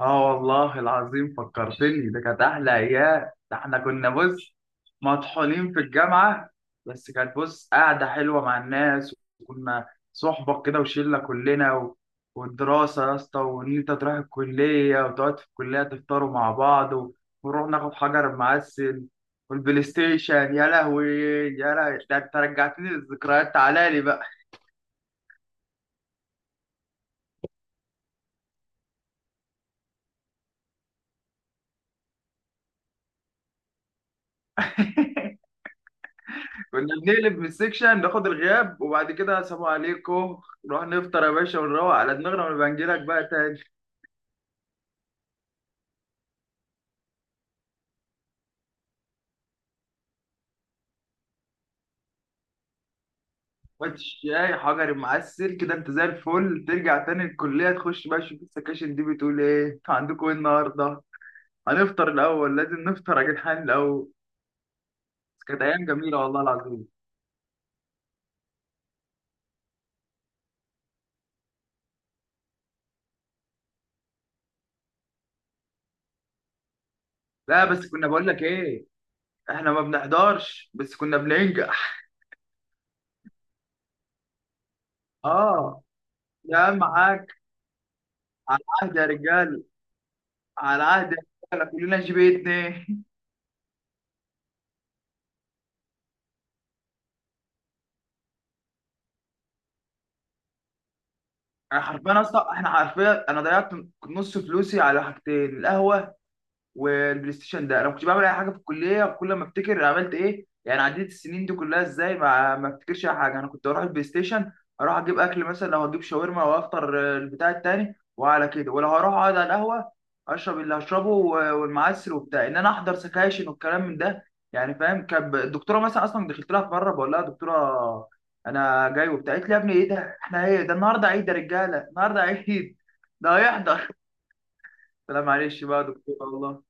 اه والله العظيم فكرتني، ده كانت احلى ايام. ده احنا كنا بص مطحونين في الجامعه. بس كانت بص قاعده حلوه مع الناس، وكنا صحبه كده وشله كلنا والدراسه يا اسطى، وان انت تروح الكليه وتقعد في الكليه تفطروا مع بعض ونروح ناخد حجر معسل والبلاي ستيشن. يا لهوي يا لهوي، ده انت رجعتني للذكريات، تعالى لي بقى. كنا بنقلب من السكشن ناخد الغياب، وبعد كده سلام عليكم، نروح نفطر يا باشا، ونروح على دماغنا، ونبقى نجيلك بقى تاني. وقت الشاي حجر معسل كده، انت زي الفل ترجع تاني الكلية، تخش بقى تشوف السكاشن دي، بتقول ايه عندكم ايه النهاردة؟ هنفطر الأول، لازم نفطر يا جدعان الأول. بس كانت أيام جميلة والله العظيم. لا بس كنا بقول لك ايه، احنا ما بنحضرش بس كنا بننجح. اه، يا معاك. على عهد يا رجال، على عهد يا رجالة، كلنا جي بي اتنين. انا حرفيا، اصلا احنا حرفيا، انا ضيعت نص فلوسي على حاجتين: القهوه والبلاي ستيشن. ده انا ما كنتش بعمل اي حاجه في الكليه، وكل ما افتكر عملت ايه، يعني عديت السنين دي كلها ازاي، ما افتكرش اي حاجه. انا كنت اروح البلاي ستيشن، اروح اجيب اكل، مثلا لو هجيب شاورما وافطر، البتاع التاني، وعلى كده، ولا هروح اقعد على القهوه اشرب اللي هشربه والمعسل وبتاع، ان انا احضر سكاشن والكلام من ده. يعني فاهم، كان الدكتوره مثلا اصلا دخلت لها في مره بقول لها: دكتوره انا جاي وبتاع. قالت لي: يا ابني ايه ده، احنا ايه ده، النهارده عيد يا رجاله، النهارده عيد ده هيحضر؟ لا معلش بقى يا دكتوره والله.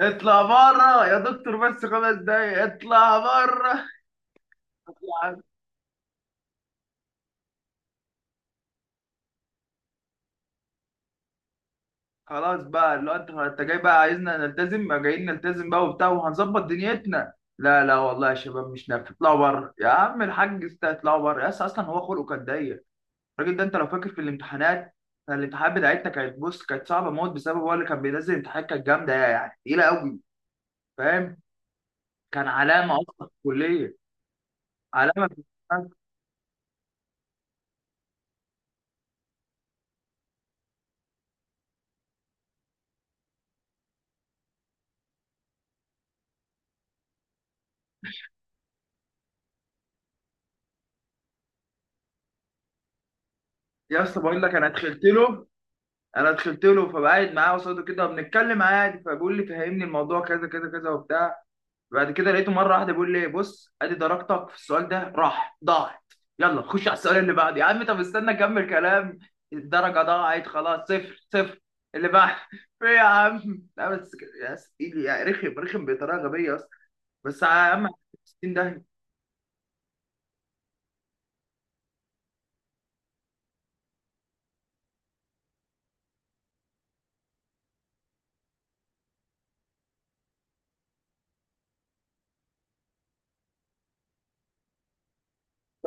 اطلع بره يا دكتور، بس خمس دقايق اطلع بره. خلاص بقى، اللي هو انت جاي بقى عايزنا نلتزم، ما جايين نلتزم بقى وبتاع وهنظبط دنيتنا. لا لا والله يا شباب مش نافع، اطلعوا بره يا عم الحاج، اطلعوا بره. يس اصلا هو خلقه كان ضيق الراجل ده. انت لو فاكر في الامتحانات، كان الامتحانات بتاعتنا كانت بص، كانت صعبه موت، بسبب هو اللي كان بينزل امتحانات كانت جامده، يعني تقيله قوي، فاهم؟ كان علامه اصلا في الكليه، علامه في الامتحان. يا اسطى بقول لك، انا دخلت له، انا دخلت له فبقعد معاه قصاده كده وبنتكلم عادي، فبيقول لي فهمني الموضوع كذا كذا كذا وبتاع. بعد كده لقيته مره واحده بيقول لي: بص ادي درجتك في السؤال ده راح ضاعت، يلا خش على السؤال اللي بعده. يا عم طب استنى اكمل كلام! الدرجه ضاعت خلاص، صفر صفر، اللي بعد. في إيه يا عم، لا بس كده- يا سيدي، يعني رخم بطريقه غبيه اصلا. بس يا عم 60 ده.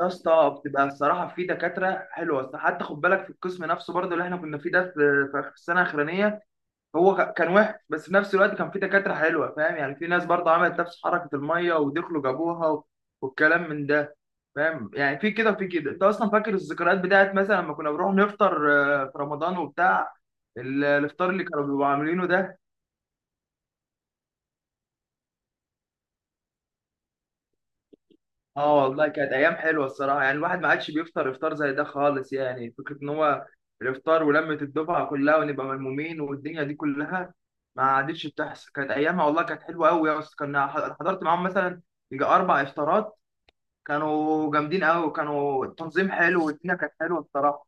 يا اسطى بتبقى الصراحه في دكاتره حلوه، أصل حتى خد بالك في القسم نفسه برضه اللي احنا كنا فيه ده، في آخر السنه الاخرانيه، هو كان وحش، بس في نفس الوقت كان في دكاترة حلوة فاهم. يعني في ناس برضه عملت نفس حركة المية ودخلوا جابوها والكلام من ده. فاهم يعني، في كده وفي كده. انت اصلا فاكر الذكريات بتاعت مثلا لما كنا بنروح نفطر في رمضان وبتاع، الافطار اللي كانوا بيبقوا عاملينه ده. اه والله كانت ايام حلوه الصراحه، يعني الواحد ما عادش بيفطر افطار زي ده خالص، يعني فكره ان هو الافطار ولمه الدفعه كلها ونبقى ملمومين والدنيا دي كلها ما عادتش بتحصل. كانت ايامها والله كانت حلوه قوي يا اسطى. كنا حضرت معاهم مثلا يجي اربع افطارات، كانوا جامدين قوي، كانوا التنظيم حلو والدنيا كانت حلوه الصراحه.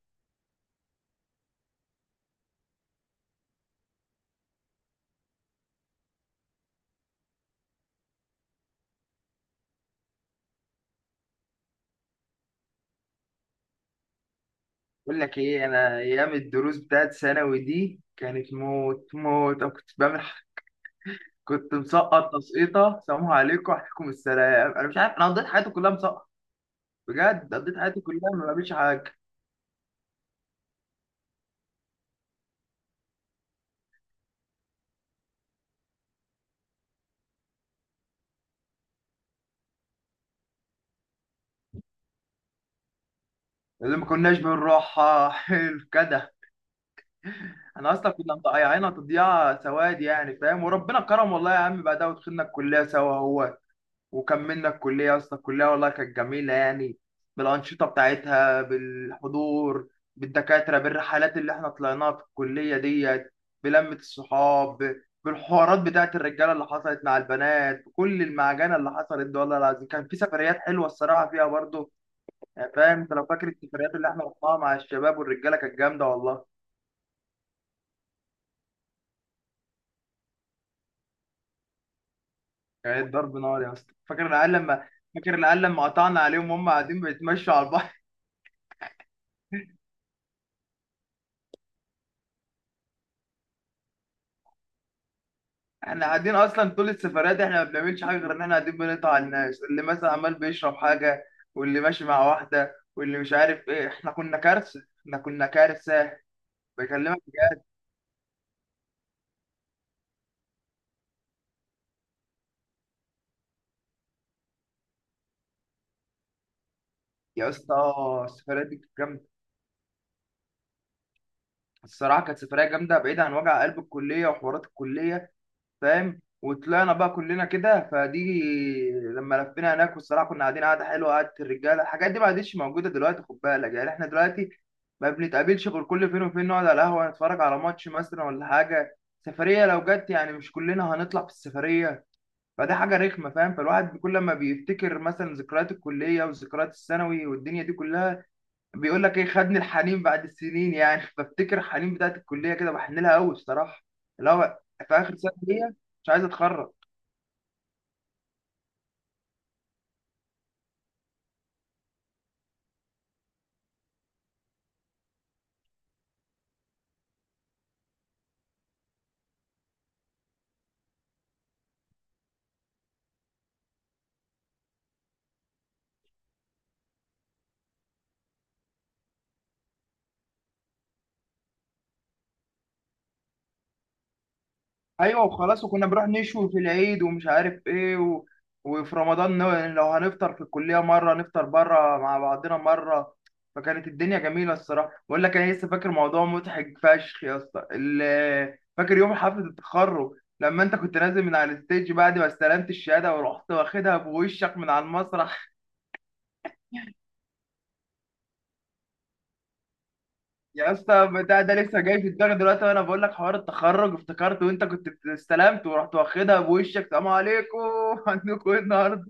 بقول لك ايه، انا ايام الدروس بتاعت ثانوي دي كانت موت موت. أنا كنت بعمل كنت مسقط تسقيطه، سلام عليكم وعليكم السلام، انا مش عارف انا قضيت حياتي كلها مسقط. بجد قضيت حياتي كلها ما بعملش حاجه. اللي ما كناش بنروحها حلو كده. احنا اصلا كنا مضيعينها تضييع سواد، يعني فاهم. وربنا كرم والله يا عم، بعدها ودخلنا الكليه سوا هو، وكملنا الكليه يا اسطى. الكليه والله كانت جميله يعني، بالانشطه بتاعتها، بالحضور، بالدكاتره، بالرحلات اللي احنا طلعناها في الكليه ديت، بلمه الصحاب، بالحوارات بتاعت الرجاله اللي حصلت مع البنات، بكل المعجنه اللي حصلت دي، والله العظيم كان في سفريات حلوه الصراحه فيها برضه. يعني فاهم، انت لو فاكر السفريات اللي احنا رحناها مع الشباب والرجاله كانت جامده والله. كانت ضرب نار يا اسطى. فاكر العيال لما، فاكر العيال لما قطعنا عليهم وهم قاعدين بيتمشوا على البحر. احنا قاعدين اصلا طول السفريات دي احنا ما بنعملش حاجه، غير ان احنا قاعدين بنقطع على الناس، اللي مثلا عمال بيشرب حاجه، واللي ماشي مع واحده، واللي مش عارف ايه. احنا كنا كارثه، احنا كنا كارثه. بكلمك بجد يا اسطى، السفريات دي كانت جامده الصراحه، كانت سفريه جامده بعيده عن وجع قلب الكليه وحوارات الكليه فاهم. وطلعنا بقى كلنا كده، فدي لما لفينا هناك والصراحه كنا قاعدين قعده حلوه، قعده الرجاله. الحاجات دي ما عادتش موجوده دلوقتي خد بالك، يعني احنا دلوقتي ما بنتقابلش غير كل فين وفين، نقعد على القهوه نتفرج على ماتش مثلا ولا حاجه. سفريه لو جت يعني مش كلنا هنطلع في السفريه، فده حاجه رخمه فاهم. فالواحد كل ما بيفتكر مثلا ذكريات الكليه وذكريات الثانوي والدنيا دي كلها، بيقول لك ايه، خدني الحنين بعد السنين يعني. بفتكر الحنين بتاعت الكليه كده، بحن لها قوي الصراحه، اللي هو في اخر سنه ليا مش عايز اتخرج. ايوه وخلاص، وكنا بنروح نشوي في العيد ومش عارف ايه وفي رمضان لو هنفطر في الكليه مره، نفطر بره مع بعضنا مره. فكانت الدنيا جميله الصراحه. بقول لك انا لسه فاكر موضوع مضحك فشخ يا اسطى، فاكر يوم حفله التخرج لما انت كنت نازل من على الستيج بعد ما استلمت الشهاده ورحت واخدها بوشك من على المسرح؟ يا اسطى بتاع ده لسه جاي في دماغي دلوقتي وانا بقول لك حوار التخرج. افتكرت وانت كنت استلمت ورحت واخدها بوشك، سلام عليكم. عندكم ايه النهارده؟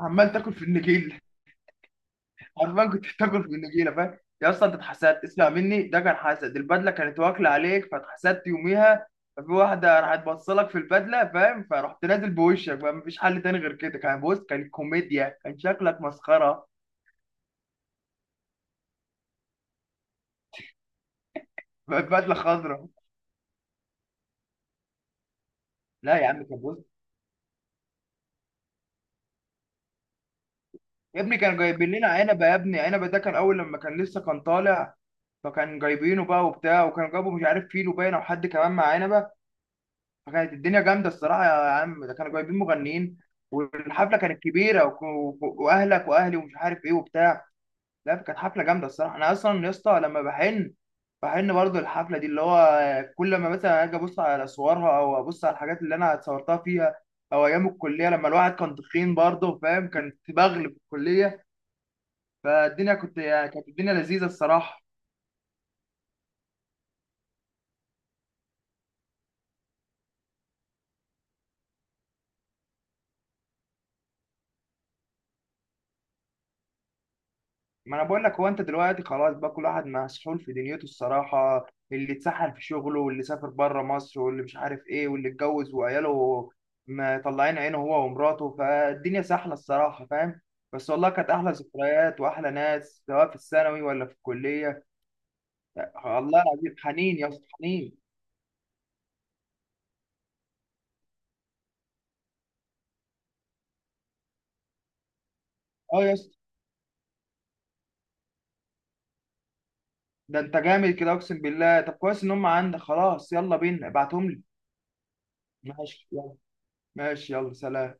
عمال تاكل في النجيله، عمال كنت بتاكل في النجيله فاهم يا اسطى. انت اتحسدت اسمع مني، ده كان حسد، البدله كانت واكله عليك فاتحسدت يوميها. ففي واحده راحت بصلك في البدله فاهم، فرحت نازل بوشك بقى، مفيش حل تاني غير كده. كان بص، كان كوميديا، كان شكلك مسخره. بقت بدله خضراء. لا يا عم كان بص، يا ابني كانوا جايبين لنا عنبه، يا ابني عنبه ده كان اول لما كان لسه كان طالع، فكان جايبينه بقى وبتاع. وكانوا جابوا مش عارف فيلو باين او حد كمان مع عنبه، فكانت الدنيا جامده الصراحه يا عم. ده كانوا جايبين مغنيين، والحفله كانت كبيره واهلك واهلي ومش عارف ايه وبتاع. لا كانت حفله جامده الصراحه. انا اصلا يا اسطى لما بحن، بحن برضه الحفله دي، اللي هو كل ما مثلا اجي ابص على صورها او ابص على الحاجات اللي انا اتصورتها فيها، او ايام الكليه لما الواحد كان تخين برضه فاهم، كان بغل في الكليه. فالدنيا كنت يعني، كانت الدنيا لذيذه الصراحه. ما انا بقول لك هو، انت دلوقتي خلاص بقى كل واحد مسحول في دنيته الصراحه، اللي اتسحل في شغله، واللي سافر بره مصر، واللي مش عارف ايه، واللي اتجوز وعياله مطلعين عينه هو ومراته. فالدنيا سحله الصراحه فاهم. بس والله كانت احلى ذكريات واحلى ناس، سواء في الثانوي ولا في الكليه. الله العظيم حنين يا اسطى حنين. اه يا اسطى، ده انت جامد كده اقسم بالله. طب كويس ان هم عندك، خلاص يلا بينا ابعتهم لي. ماشي يلا، ماشي يلا، سلام.